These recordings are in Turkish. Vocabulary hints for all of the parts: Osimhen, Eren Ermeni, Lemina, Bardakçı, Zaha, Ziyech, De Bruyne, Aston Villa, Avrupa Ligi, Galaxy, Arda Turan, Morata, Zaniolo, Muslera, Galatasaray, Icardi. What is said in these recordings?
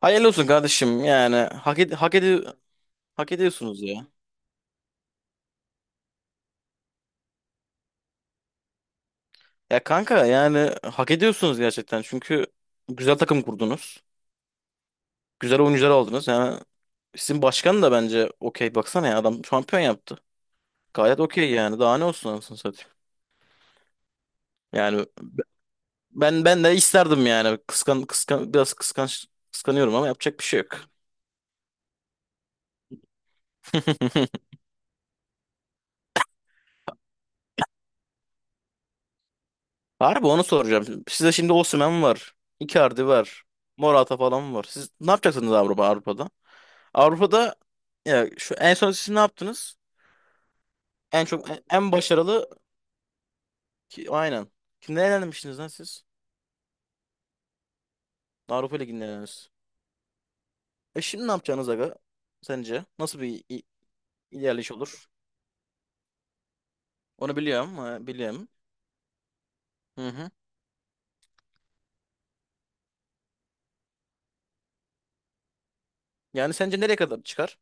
Hayırlı olsun kardeşim yani hak ediyorsunuz ya. Ya kanka yani hak ediyorsunuz gerçekten çünkü güzel takım kurdunuz. Güzel oyuncular aldınız. Yani sizin başkan da bence okey baksana ya adam şampiyon yaptı. Gayet okey yani daha ne olsun anasını satayım. Yani ben de isterdim yani kıskan kıskan biraz kıskanç kıskanıyorum ama yapacak bir şey yok. Harbi onu soracağım. Size şimdi Osimhen var. Icardi var. Morata falan var. Siz ne yapacaksınız Avrupa'da? Avrupa'da ya şu en son siz ne yaptınız? En çok en başarılı ki aynen. Kimden elenmiştiniz lan siz? Avrupa Ligi'nden elendiniz. E şimdi ne yapacaksınız aga? Sence nasıl bir ilerleyiş olur? Onu biliyorum, biliyorum. Hı hı. Yani sence nereye kadar çıkar?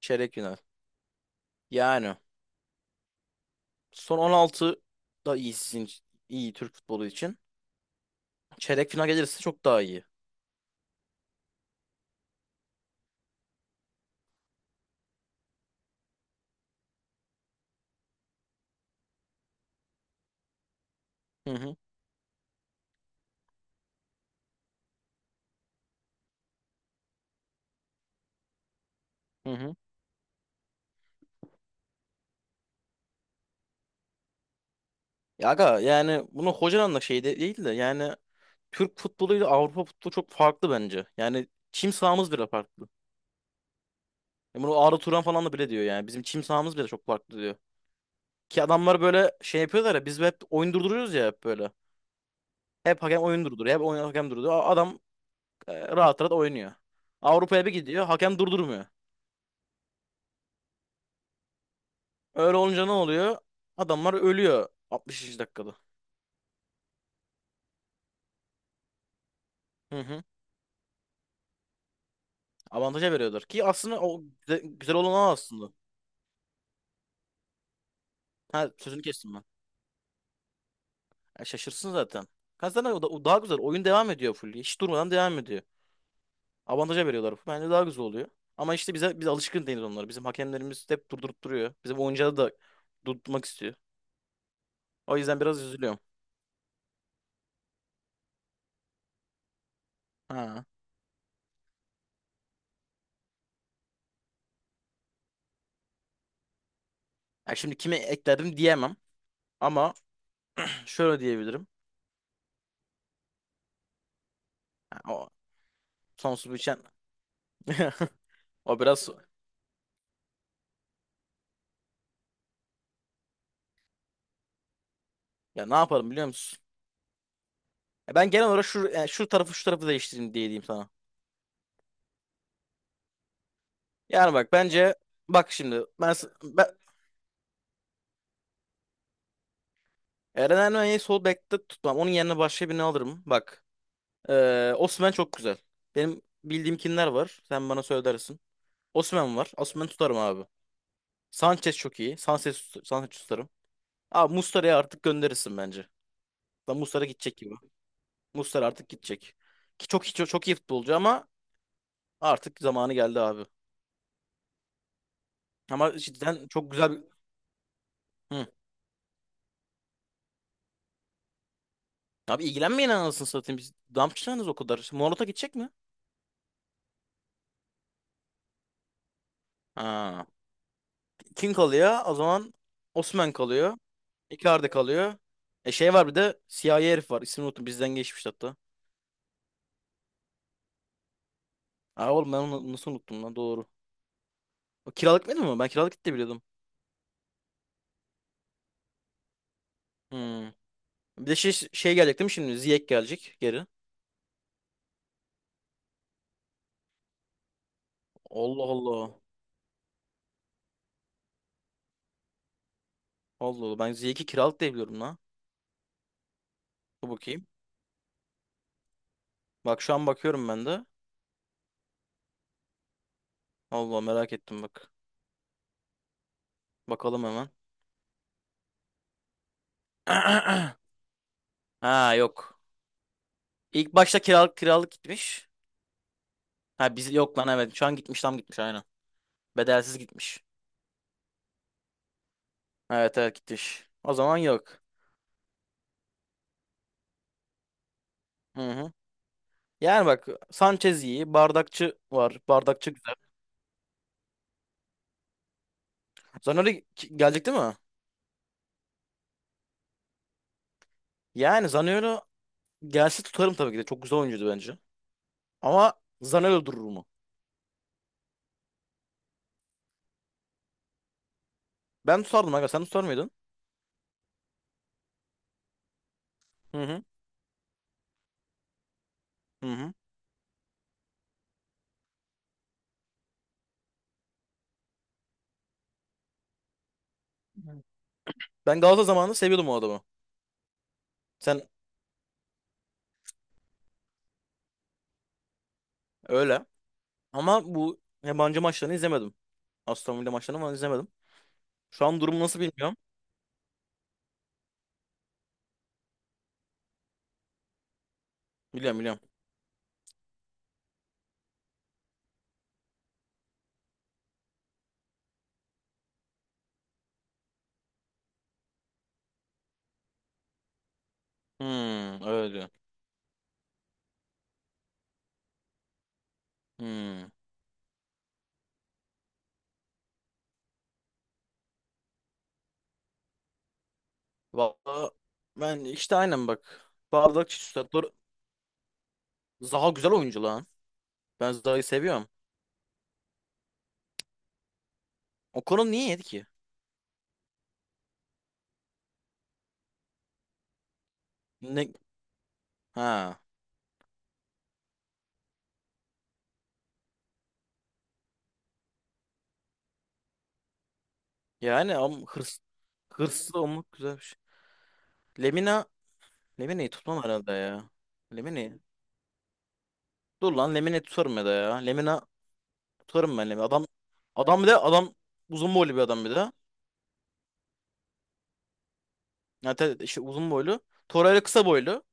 Çeyrek final. Yani son 16 da iyi iyi Türk futbolu için. Çeyrek final gelirse çok daha iyi. Hı hı. Hı hı. Ya aga yani bunu hocanın da şey değil de yani Türk futboluyla Avrupa futbolu çok farklı bence. Yani çim sahamız bile farklı. Ya bunu Arda Turan falan da bile diyor yani. Bizim çim sahamız bile çok farklı diyor. Ki adamlar böyle şey yapıyorlar ya biz hep oyun durduruyoruz ya hep böyle. Hep hakem oyun durduruyor. Hep oyun hakem durduruyor. Adam rahat rahat oynuyor. Avrupa'ya bir gidiyor hakem durdurmuyor. Öyle olunca ne oluyor? Adamlar ölüyor 60. dakikada. Hı hı. Avantaja veriyorlar. Ki aslında o güzel, güzel olan o aslında. Ha sözünü kestim ben. Ya şaşırsın zaten. Kazanır o da o daha güzel. Oyun devam ediyor full. Hiç durmadan devam ediyor. Avantaja veriyorlar. Bence daha güzel oluyor. Ama işte biz alışkın değiliz onlara. Bizim hakemlerimiz hep durdurup duruyor. Bizim oyuncuları da durdurmak istiyor. O yüzden biraz üzülüyorum. Ha. Ya şimdi kimi ekledim diyemem ama şöyle diyebilirim. Ya o sonsuz biçen o biraz ya ne yaparım biliyor musun? Ya ben genel olarak şu yani şu tarafı değiştireyim diye diyeyim sana. Yani bak bence bak şimdi ben Eren Ermeni'yi sol bekte tutmam. Onun yerine başka birini alırım. Bak. Osimhen çok güzel. Benim bildiğim kimler var? Sen bana söylersin. Osimhen var. Osimhen tutarım abi. Sanchez çok iyi. Sanchez tutarım. Abi Muslera'yı artık gönderirsin bence. Da Muslera gidecek gibi. Muslera artık gidecek. Ki çok iyi, çok, çok iyi futbolcu ama artık zamanı geldi abi. Ama cidden çok güzel bir... Hı. Abi ilgilenmeyin anasını satayım. Biz Dampçı o kadar. Morata gidecek mi? Ha. Kim kalıyor? O zaman Osimhen kalıyor. Icardi kalıyor. E şey var bir de siyahi herif var. İsmini unuttum. Bizden geçmişti hatta. Aa oğlum ben onu nasıl unuttum lan doğru. O kiralık mıydı? Ben kiralık gitti biliyordum. Hmm. Bir de şey gelecek değil mi şimdi? Ziyech gelecek geri. Allah Allah. Allah Allah. Ben Ziyech'i kiralık diye biliyorum lan. Dur bakayım. Bak şu an bakıyorum ben de. Allah merak ettim bak. Bakalım hemen. Ha yok. İlk başta kiralık gitmiş. Ha biz yok lan evet. Şu an gitmiş tam gitmiş aynen. Bedelsiz gitmiş. Evet evet gitmiş. O zaman yok. Hı hı. Yani bak Sanchez iyi. Bardakçı var. Bardakçı güzel. Zaniolo gelecek değil mi? Yani Zaniolo gelse tutarım tabii ki de. Çok güzel oyuncuydu bence. Ama Zaniolo durur mu? Ben tutardım aga. Sen tutar mıydın? Hı hı. Hı hı. Evet. Ben Galatasaray zamanında seviyordum o adamı. Sen öyle. Ama bu yabancı maçlarını izlemedim. Aston Villa maçlarını falan izlemedim. Şu an durumu nasıl bilmiyorum. Biliyorum biliyorum. Hmm, öyle diyor. Hmm. Valla ben işte aynen bak. Bardakçı tutar. Zaha güzel oyuncu lan. Ben Zara'yı seviyorum. O konu niye yedi ki? Ne? Ha. Yani ama hırslı olmak güzel bir şey. Lemina, Lemina'yı tutmam herhalde ya. Lemina'yı. Dur lan Lemina'yı tutarım ya da ya. Lemina tutarım ben Lemina. Adam bir de adam uzun boylu bir adam bir de. Yani işte uzun boylu. Torayla kısa boylu.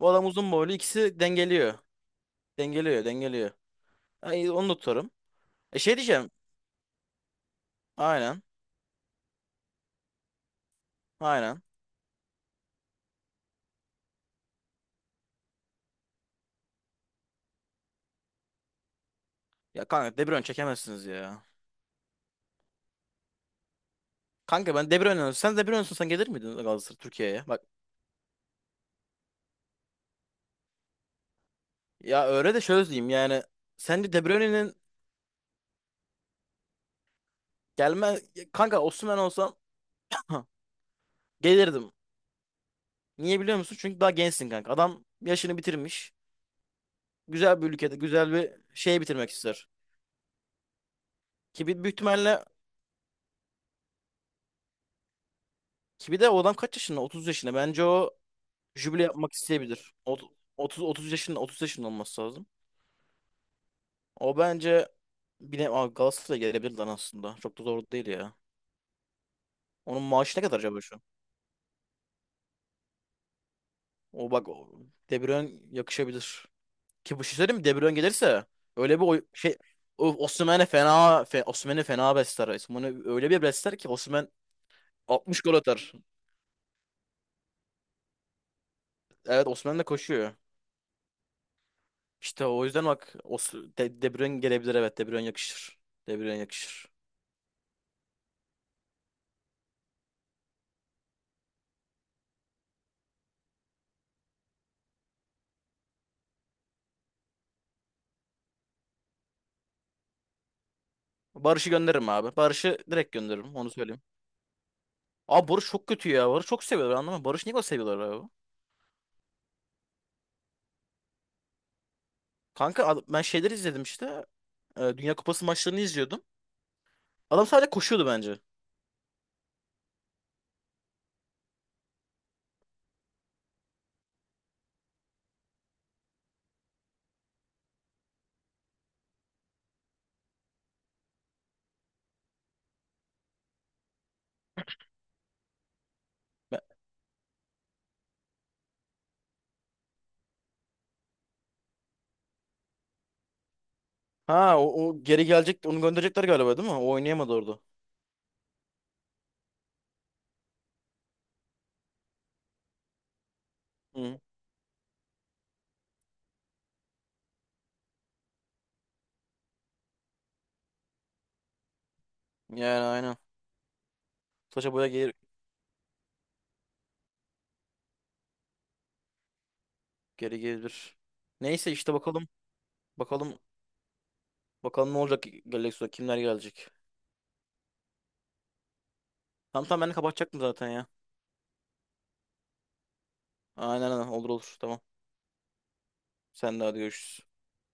Bu adam uzun boylu. İkisi dengeliyor. Dengeliyor, dengeliyor. Ay, onu da tutarım. E şey diyeceğim. Aynen. Aynen. Ya kanka De Bruyne çekemezsiniz ya. Kanka ben De Bruyne olsam- Sen De Bruyne olsan gelir miydin Galatasaray Türkiye'ye? Bak ya öyle de şöyle diyeyim yani. Sence De Bruyne'nin gelme... Kanka Osimhen olsam gelirdim. Niye biliyor musun? Çünkü daha gençsin kanka. Adam yaşını bitirmiş. Güzel bir ülkede güzel bir şey bitirmek ister. Ki büyük ihtimalle. Ki bir de o adam kaç yaşında? 30 yaşında. Bence o jübile yapmak isteyebilir. 30 yaşında 30 yaşında olması lazım. O bence bile Aa, Galatasaray'a gelebilir lan aslında. Çok da zor değil ya. Onun maaşı ne kadar acaba şu an? O bak o De Bruyne yakışabilir. Ki bu şey söyleyeyim mi? De Bruyne gelirse öyle bir Osimhen'i fena besler. Osimhen'i öyle bir besler ki Osimhen 60 gol atar. Evet Osimhen de koşuyor. İşte o yüzden bak De Bruyne gelebilir evet De Bruyne yakışır. De Bruyne yakışır. Barış'ı gönderirim abi. Barış'ı direkt gönderirim onu söyleyeyim. Abi Barış çok kötü ya. Barış çok seviyorlar anlamam. Barış niye o seviyorlar abi? Kanka ben şeyleri izledim işte. Dünya Kupası maçlarını izliyordum. Adam sadece koşuyordu bence. Ha o geri gelecek onu gönderecekler galiba değil mi? O oynayamadı orada. Hı. Yani aynen. Saça boya geri gelir. Neyse işte bakalım. Bakalım bakalım ne olacak Galaxy'da kimler gelecek. Tamam tamam ben de kapatacaktım zaten ya. Aynen aynen olur olur tamam. Sen de hadi görüşürüz.